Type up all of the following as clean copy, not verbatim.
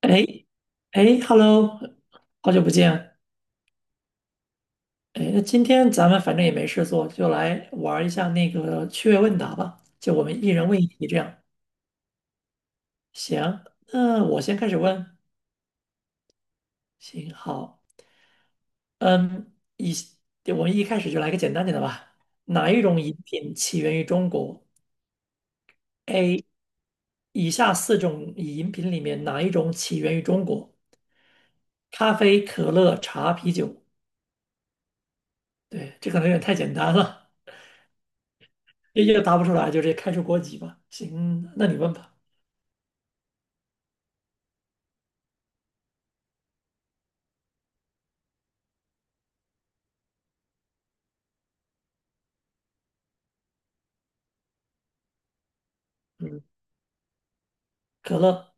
哎哎，Hello，好久不见。哎，那今天咱们反正也没事做，就来玩一下那个趣味问答吧。就我们一人问一题这样。行，那我先开始问。行，好。嗯，一，我们一开始就来个简单点的吧。哪一种饮品起源于中国？A，以下四种饮品里面哪一种起源于中国？咖啡、可乐、茶、啤酒。对，这可能有点太简单了。也答不出来，就直接开除国籍吧。行，那你问吧。嗯，可乐，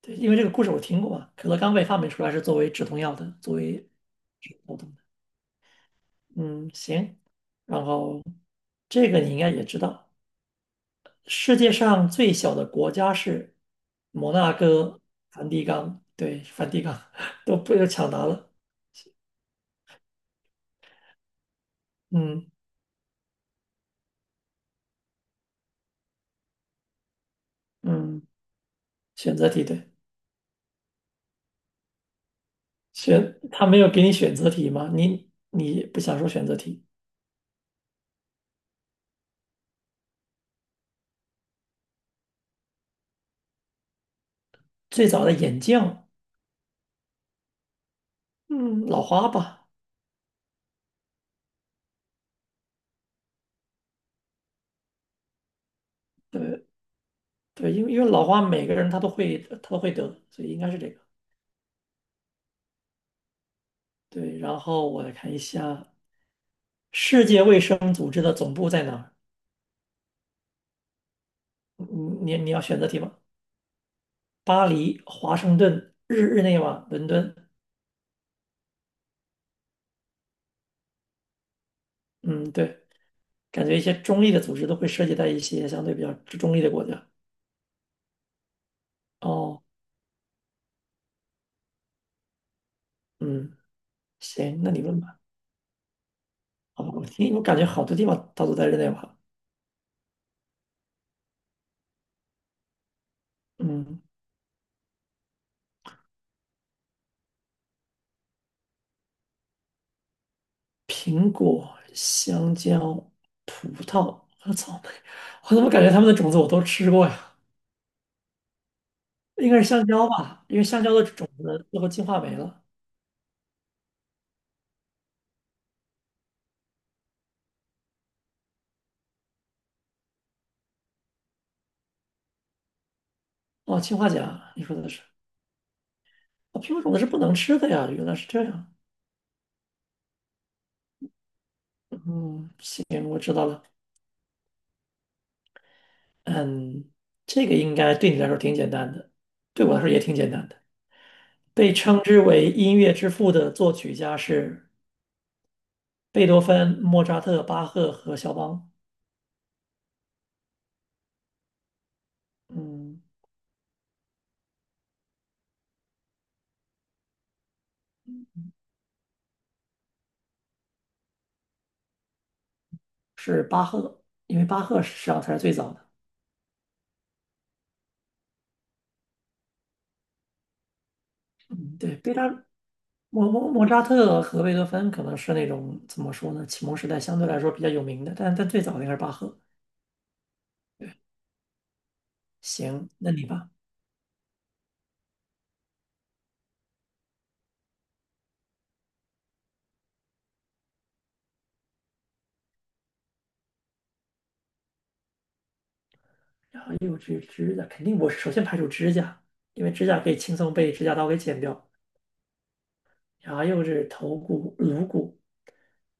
对，因为这个故事我听过嘛，可乐刚被发明出来是作为止痛药的，作为止痛的。嗯，行。然后这个你应该也知道，世界上最小的国家是摩纳哥、梵蒂冈。对，梵蒂冈 都不要抢答了。嗯嗯，选择题对，他没有给你选择题吗？你不想说选择题？最早的眼镜。嗯，老花吧，对对，因为老花每个人他都会得，所以应该是这个。对，然后我来看一下世界卫生组织的总部在哪儿？嗯嗯，你要选择题吗？巴黎、华盛顿、日内瓦、伦敦。嗯，对，感觉一些中立的组织都会涉及到一些相对比较中立的国家。哦，嗯，行，那你问吧。好吧，我感觉好多地方它都在日内瓦。嗯，苹果、香蕉、葡萄和草莓，我怎么感觉它们的种子我都吃过呀？应该是香蕉吧，因为香蕉的种子最后进化没了。哦，氰化钾，你说的是。哦，苹果种子是不能吃的呀，原来是这样。嗯，行，我知道了。嗯，这个应该对你来说挺简单的，对我来说也挺简单的。被称之为音乐之父的作曲家是贝多芬、莫扎特、巴赫和肖邦。嗯。是巴赫，因为巴赫实际上才是最早的。嗯，对，贝拉莫莫莫扎特和贝多芬可能是那种怎么说呢，启蒙时代相对来说比较有名的，但最早的应该是巴赫。行，那你吧。然后又指指甲，肯定我首先排除指甲，因为指甲可以轻松被指甲刀给剪掉。然后又是头骨、颅骨、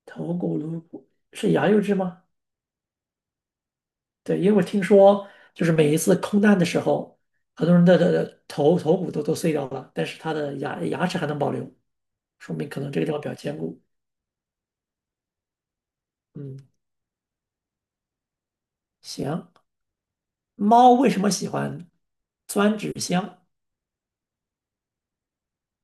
头骨、颅骨，是牙釉质吗？对，因为我听说，就是每一次空难的时候，很多人的头骨都碎掉了，但是他的牙齿还能保留，说明可能这个地方比较坚固。嗯，行。猫为什么喜欢钻纸箱？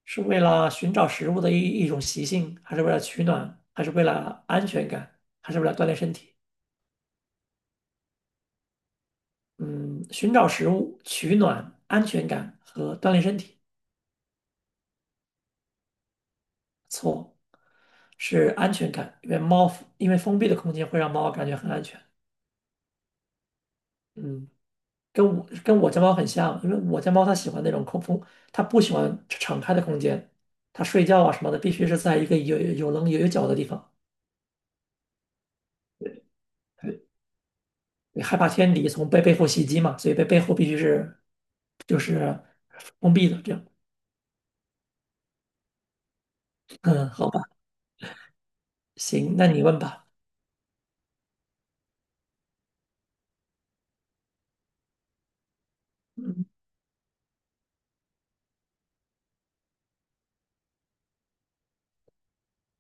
是为了寻找食物的一种习性，还是为了取暖，还是为了安全感，还是为了锻炼身体？嗯，寻找食物、取暖、安全感和锻炼身体，错，是安全感，因为封闭的空间会让猫感觉很安全。嗯，跟我家猫很像，因为我家猫它喜欢那种空空，它不喜欢敞开的空间，它睡觉啊什么的必须是在一个有棱有角的地方，对害怕天敌从背后袭击嘛，所以背后必须是就是封闭的这样。嗯，好吧，行，那你问吧。嗯，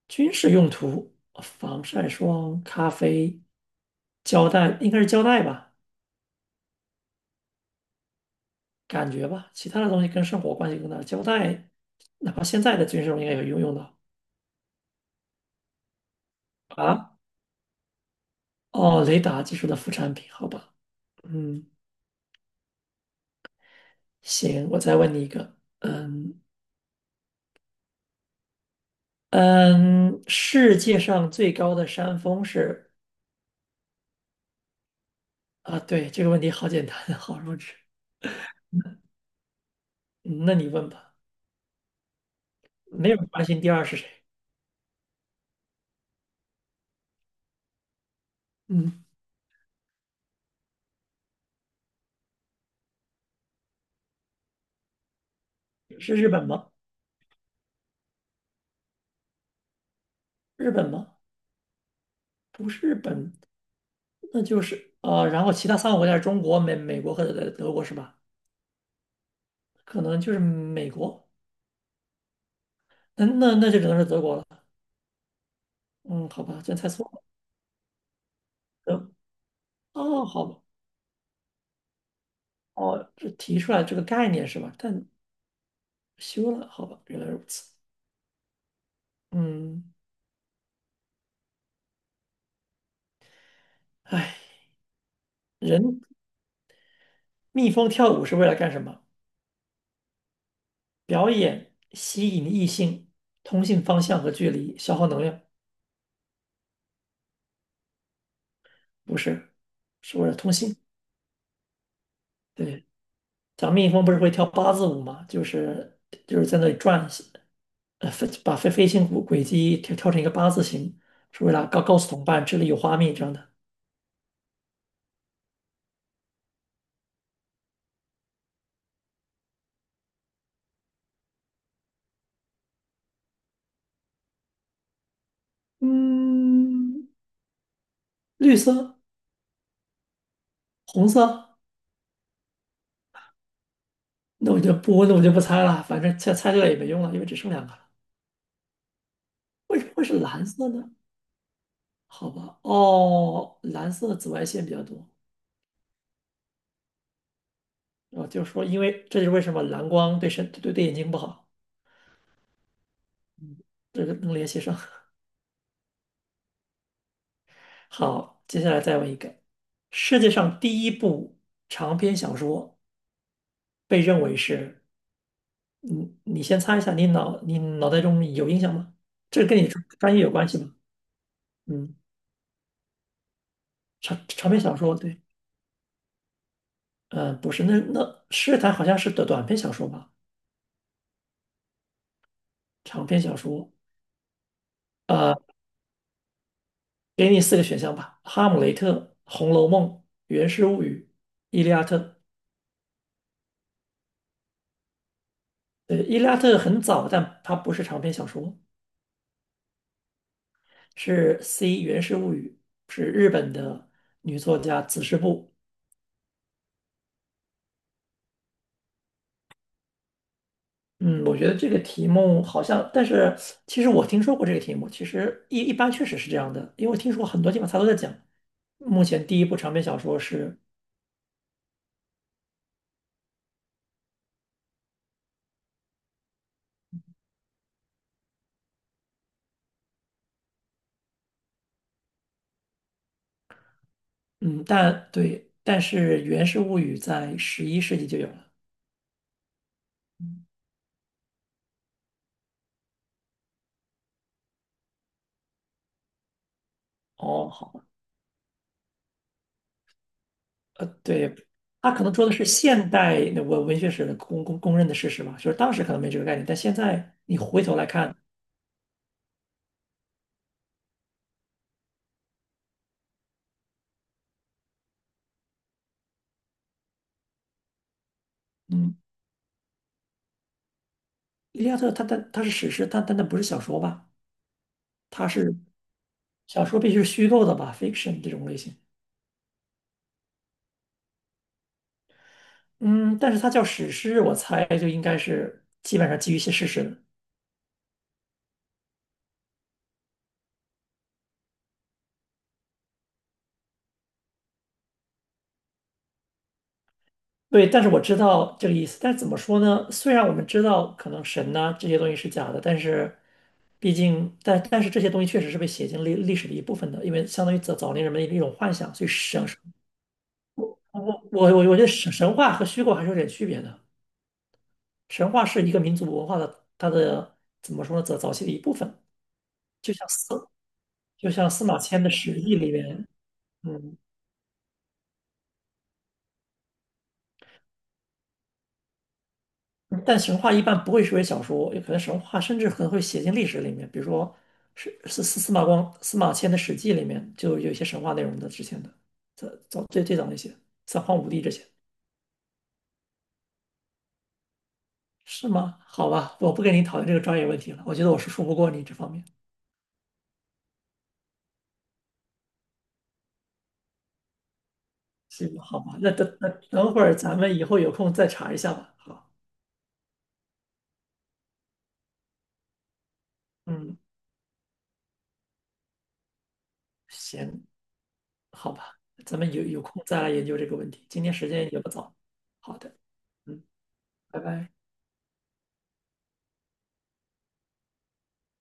军事用途，防晒霜、咖啡、胶带，应该是胶带吧，感觉吧，其他的东西跟生活关系更大，胶带哪怕现在的军事中应该有用到啊。哦，雷达技术的副产品，好吧，嗯，行，我再问你一个，嗯嗯，世界上最高的山峰是。啊，对，这个问题好简单，好弱智，嗯，那你问吧，没有人关心第二是谁，嗯，是日本吗？日本吗？不是日本，那就是啊，然后其他三个国家是中国、美国和德国是吧？可能就是美国，那就只能是德国了，嗯，好吧，真猜错了，德，哦，好吧。哦，这提出来这个概念是吧？但修了，好吧，原来如此。嗯，唉，人蜜蜂跳舞是为了干什么？表演、吸引异性、通信方向和距离、消耗能量，不是，是为了通信。对，讲蜜蜂不是会跳八字舞吗？就是在那里转，把飞行轨迹跳成一个八字形，是为了告诉同伴这里有花蜜这样的。嗯，绿色、红色。那我就不猜了，反正猜对了也没用了，因为只剩两个了。为什么会是蓝色呢？好吧，哦，蓝色的紫外线比较多。啊，就是说，因为这就是为什么蓝光对眼睛不好，这个能联系上。好，接下来再问一个，世界上第一部长篇小说被认为是，嗯，你先猜一下，你脑袋中有印象吗？这跟你专业有关系吗？嗯，长篇小说，对，不是，那《诗坛》好像是短篇小说吧？长篇小说，呃，给你四个选项吧：《哈姆雷特》《红楼梦》《源氏物语》《伊利亚特》。伊利亚特》很早，但它不是长篇小说，是《 源氏物语》，是日本的女作家子师部。嗯，我觉得这个题目好像，但是其实我听说过这个题目，其实一般确实是这样的，因为我听说过很多地方它都在讲。目前第一部长篇小说是，嗯，但对，但是《源氏物语》在11世纪就有了。哦，好。对，他可能说的是现代文学史的公认的事实吧，就是当时可能没这个概念，但现在你回头来看，嗯，《伊利亚特》它是史诗，但它不是小说吧？它是小说必须是虚构的吧，fiction 这种类型。嗯，但是它叫史诗，我猜就应该是基本上基于一些事实。对，但是我知道这个意思。但是怎么说呢？虽然我们知道可能神呐、这些东西是假的，但是毕竟，但是这些东西确实是被写进历史的一部分的，因为相当于早年人们的一种幻想。所以我我觉得神话和虚构还是有点区别的。神话是一个民族文化的它的怎么说呢？早期的一部分，就像司就像司马迁的《史记》里面，嗯。嗯，但神话一般不会写为小说，有可能神话甚至可能会写进历史里面，比如说是司马迁的《史记》里面就有一些神话内容的，之前的早早最最早那些三皇五帝这些是吗？好吧，我不跟你讨论这个专业问题了，我觉得我是说不过你这方面。行，好吧，那等会儿咱们以后有空再查一下吧。好，嗯，行，好吧，咱们有空再来研究这个问题。今天时间也不早，好的，嗯，拜拜。